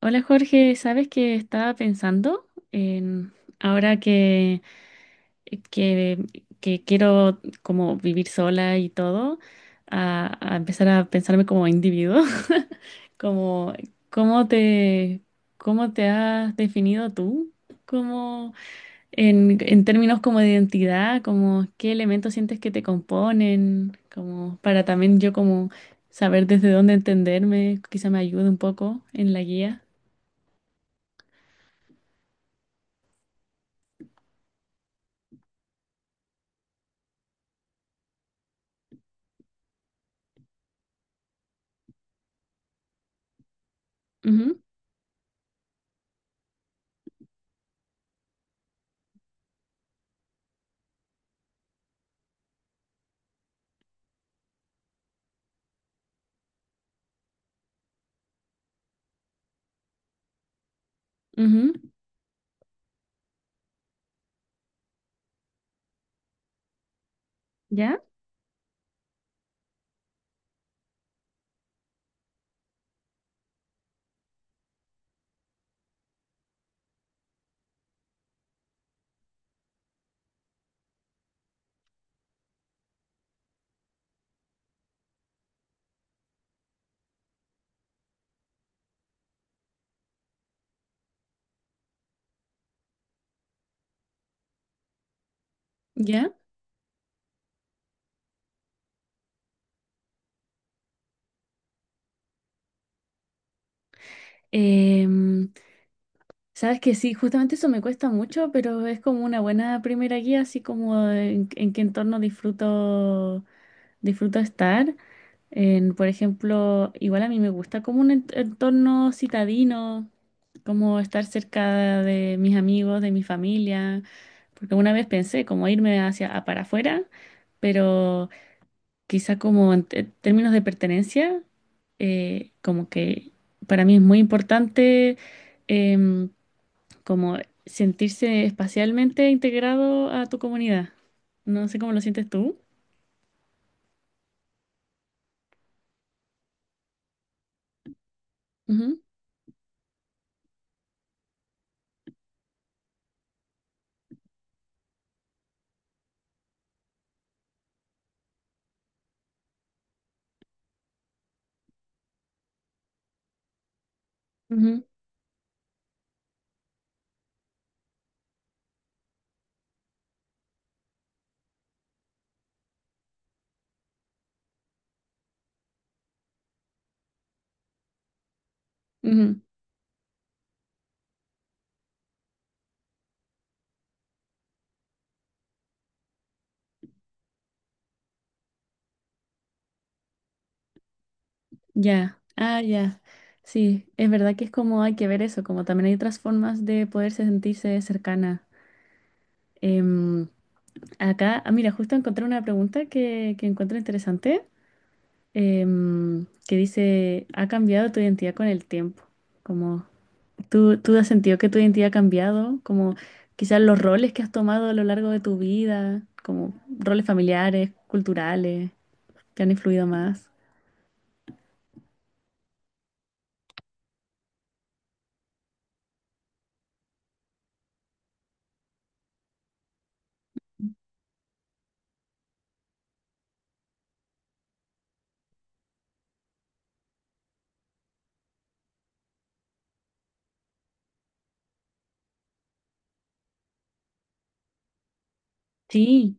Hola Jorge, ¿sabes que estaba pensando en ahora que, que quiero como vivir sola y todo, a empezar a pensarme como individuo? Como, ¿cómo te, cómo te has definido tú? Como en términos como de identidad, como qué elementos sientes que te componen, como para también yo como saber desde dónde entenderme, quizá me ayude un poco en la guía. Ujú. ¿Ya? ¿Ya? Em, sabes que sí, justamente eso me cuesta mucho, pero es como una buena primera guía, así como en qué entorno disfruto estar. En, por ejemplo, igual a mí me gusta como un entorno citadino, como estar cerca de mis amigos, de mi familia, porque una vez pensé como irme hacia para afuera, pero quizá como en términos de pertenencia, como que para mí es muy importante em, como sentirse espacialmente integrado a tu comunidad. No sé cómo lo sientes tú. Ujú. Ujú. Ujú. Ya, ah, ya. Sí, es verdad que es como hay que ver eso, como también hay otras formas de poderse sentirse cercana. Em, Acá, ah, mira, justo encontré una pregunta que encuentro interesante. Que dice, ha cambiado tu identidad con el tiempo. Como tú has sentido que tu identidad ha cambiado, como quizás los roles que has tomado a lo largo de tu vida, como roles familiares, culturales, que han influido más. Sí,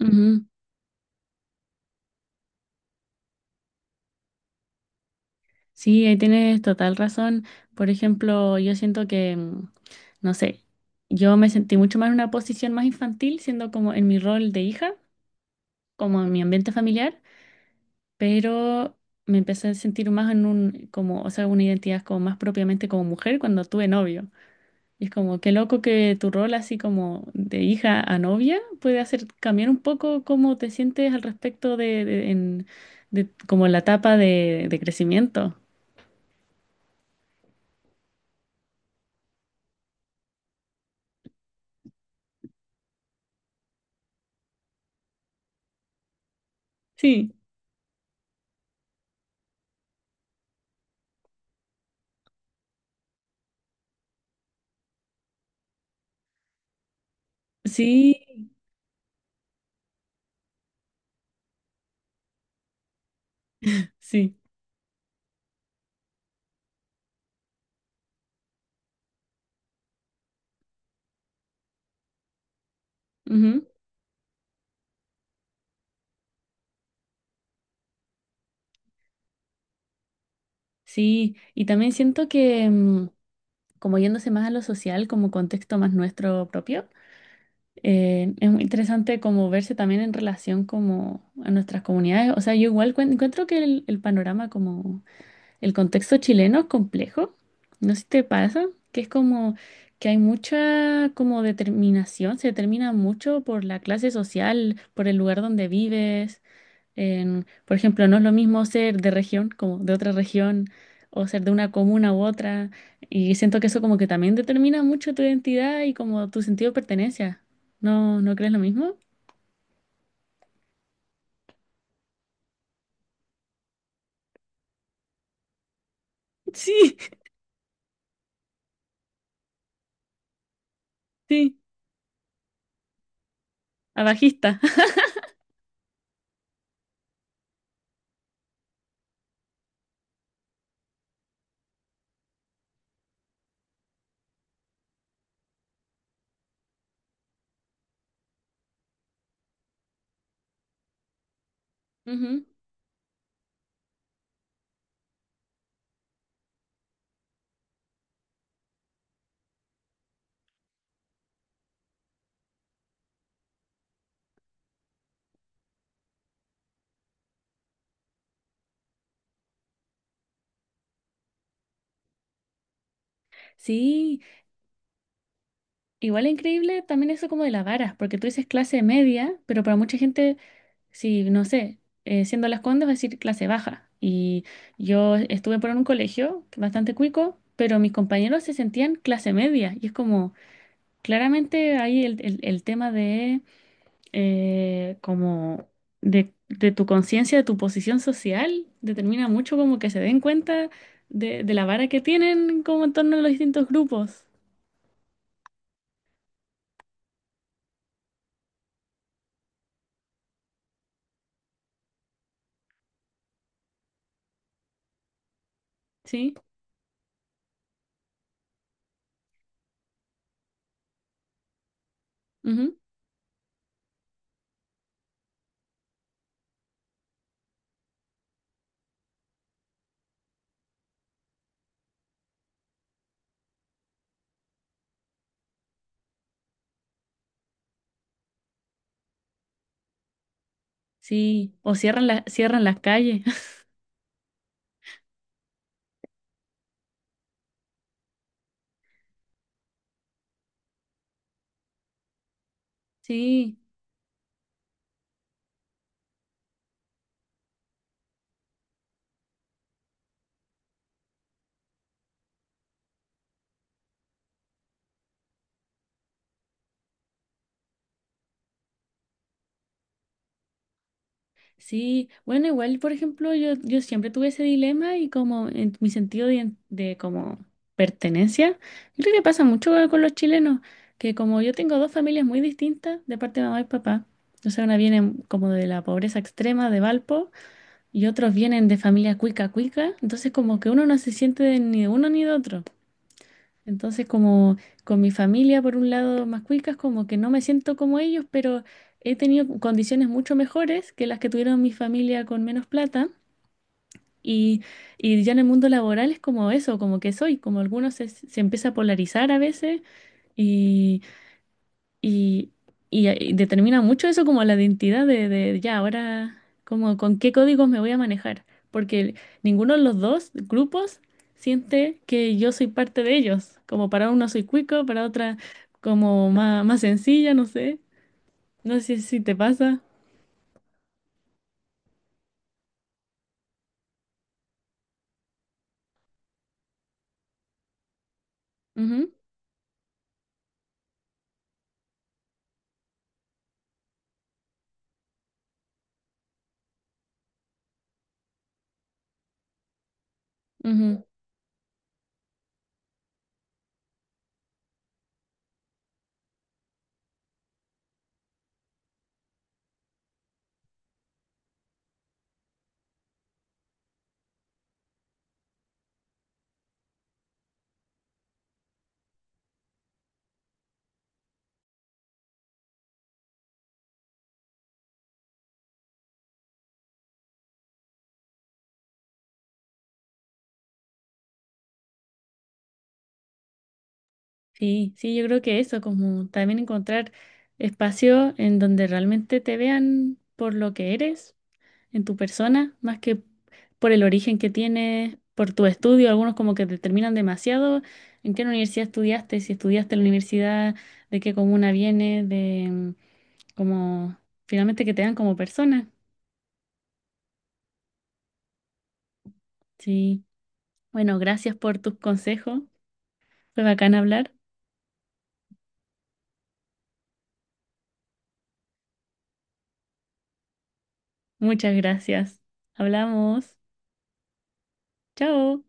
ujú. Sí, ahí tienes total razón. Por ejemplo, yo siento que no sé, yo me sentí mucho más en una posición más infantil, siendo como en mi rol de hija, como en mi ambiente familiar, pero me empecé a sentir más en un, como, o sea, una identidad como más propiamente como mujer cuando tuve novio. Y es como, qué loco que tu rol así como de hija a novia puede hacer cambiar un poco cómo te sientes al respecto de como la etapa de crecimiento. Sí, sí, sí. Ujú. Sí, y también siento que como yéndose más a lo social, como contexto más nuestro propio. Es muy interesante como verse también en relación como a nuestras comunidades. O sea, yo igual encuentro que el panorama como el contexto chileno es complejo. No sé si te pasa, que es como que hay mucha como determinación, se determina mucho por la clase social, por el lugar donde vives. En, por ejemplo, no es lo mismo ser de región, como de otra región, o ser de una comuna u otra, y siento que eso como que también determina mucho tu identidad y como tu sentido de pertenencia. ¿No, no crees lo mismo? Sí. Sí, abajista. Ujú. Sí, igual es increíble también eso como de la vara, porque tú dices clase media, pero para mucha gente si, no sé, siendo Las Condes, va a decir clase baja. Y yo estuve por un colegio bastante cuico, pero mis compañeros se sentían clase media. Y es como, claramente ahí el tema eh, como, de tu conciencia, de tu posición social, determina mucho como que se den cuenta de la vara que tienen como en torno a los distintos grupos. ¿Sí? Ujú. Sí. O cierran las calles. Sí. Sí, bueno, igual, por ejemplo, yo siempre tuve ese dilema y como en mi sentido de como pertenencia, yo creo que pasa mucho con los chilenos, que como yo tengo dos familias muy distintas de parte de mamá y papá, o sea, una viene como de la pobreza extrema de Valpo y otros vienen de familia cuica cuica, entonces como que uno no se siente de ni de uno ni de otro. Entonces, como con mi familia, por un lado, más cuicas, como que no me siento como ellos, pero he tenido condiciones mucho mejores que las que tuvieron mi familia con menos plata. Y y ya en el mundo laboral es como eso, como que soy, como algunos se empieza a polarizar a veces y, y, determina mucho eso como la identidad de ya ahora, como con qué códigos me voy a manejar, porque ninguno de los dos grupos siente que yo soy parte de ellos, como para una soy cuico, para otra como más sencilla, no sé, no sé si te pasa. Ujú, ujú. Sí, sí, yo creo que eso, como también encontrar espacio en donde realmente te vean por lo que eres en tu persona, más que por el origen que tienes, por tu estudio, algunos como que determinan demasiado en qué universidad estudiaste, si estudiaste en la universidad, de qué comuna vienes, como finalmente que te dan como persona. Sí. Bueno, gracias por tus consejos. Fue bacán hablar. Muchas gracias. Hablamos. Chao.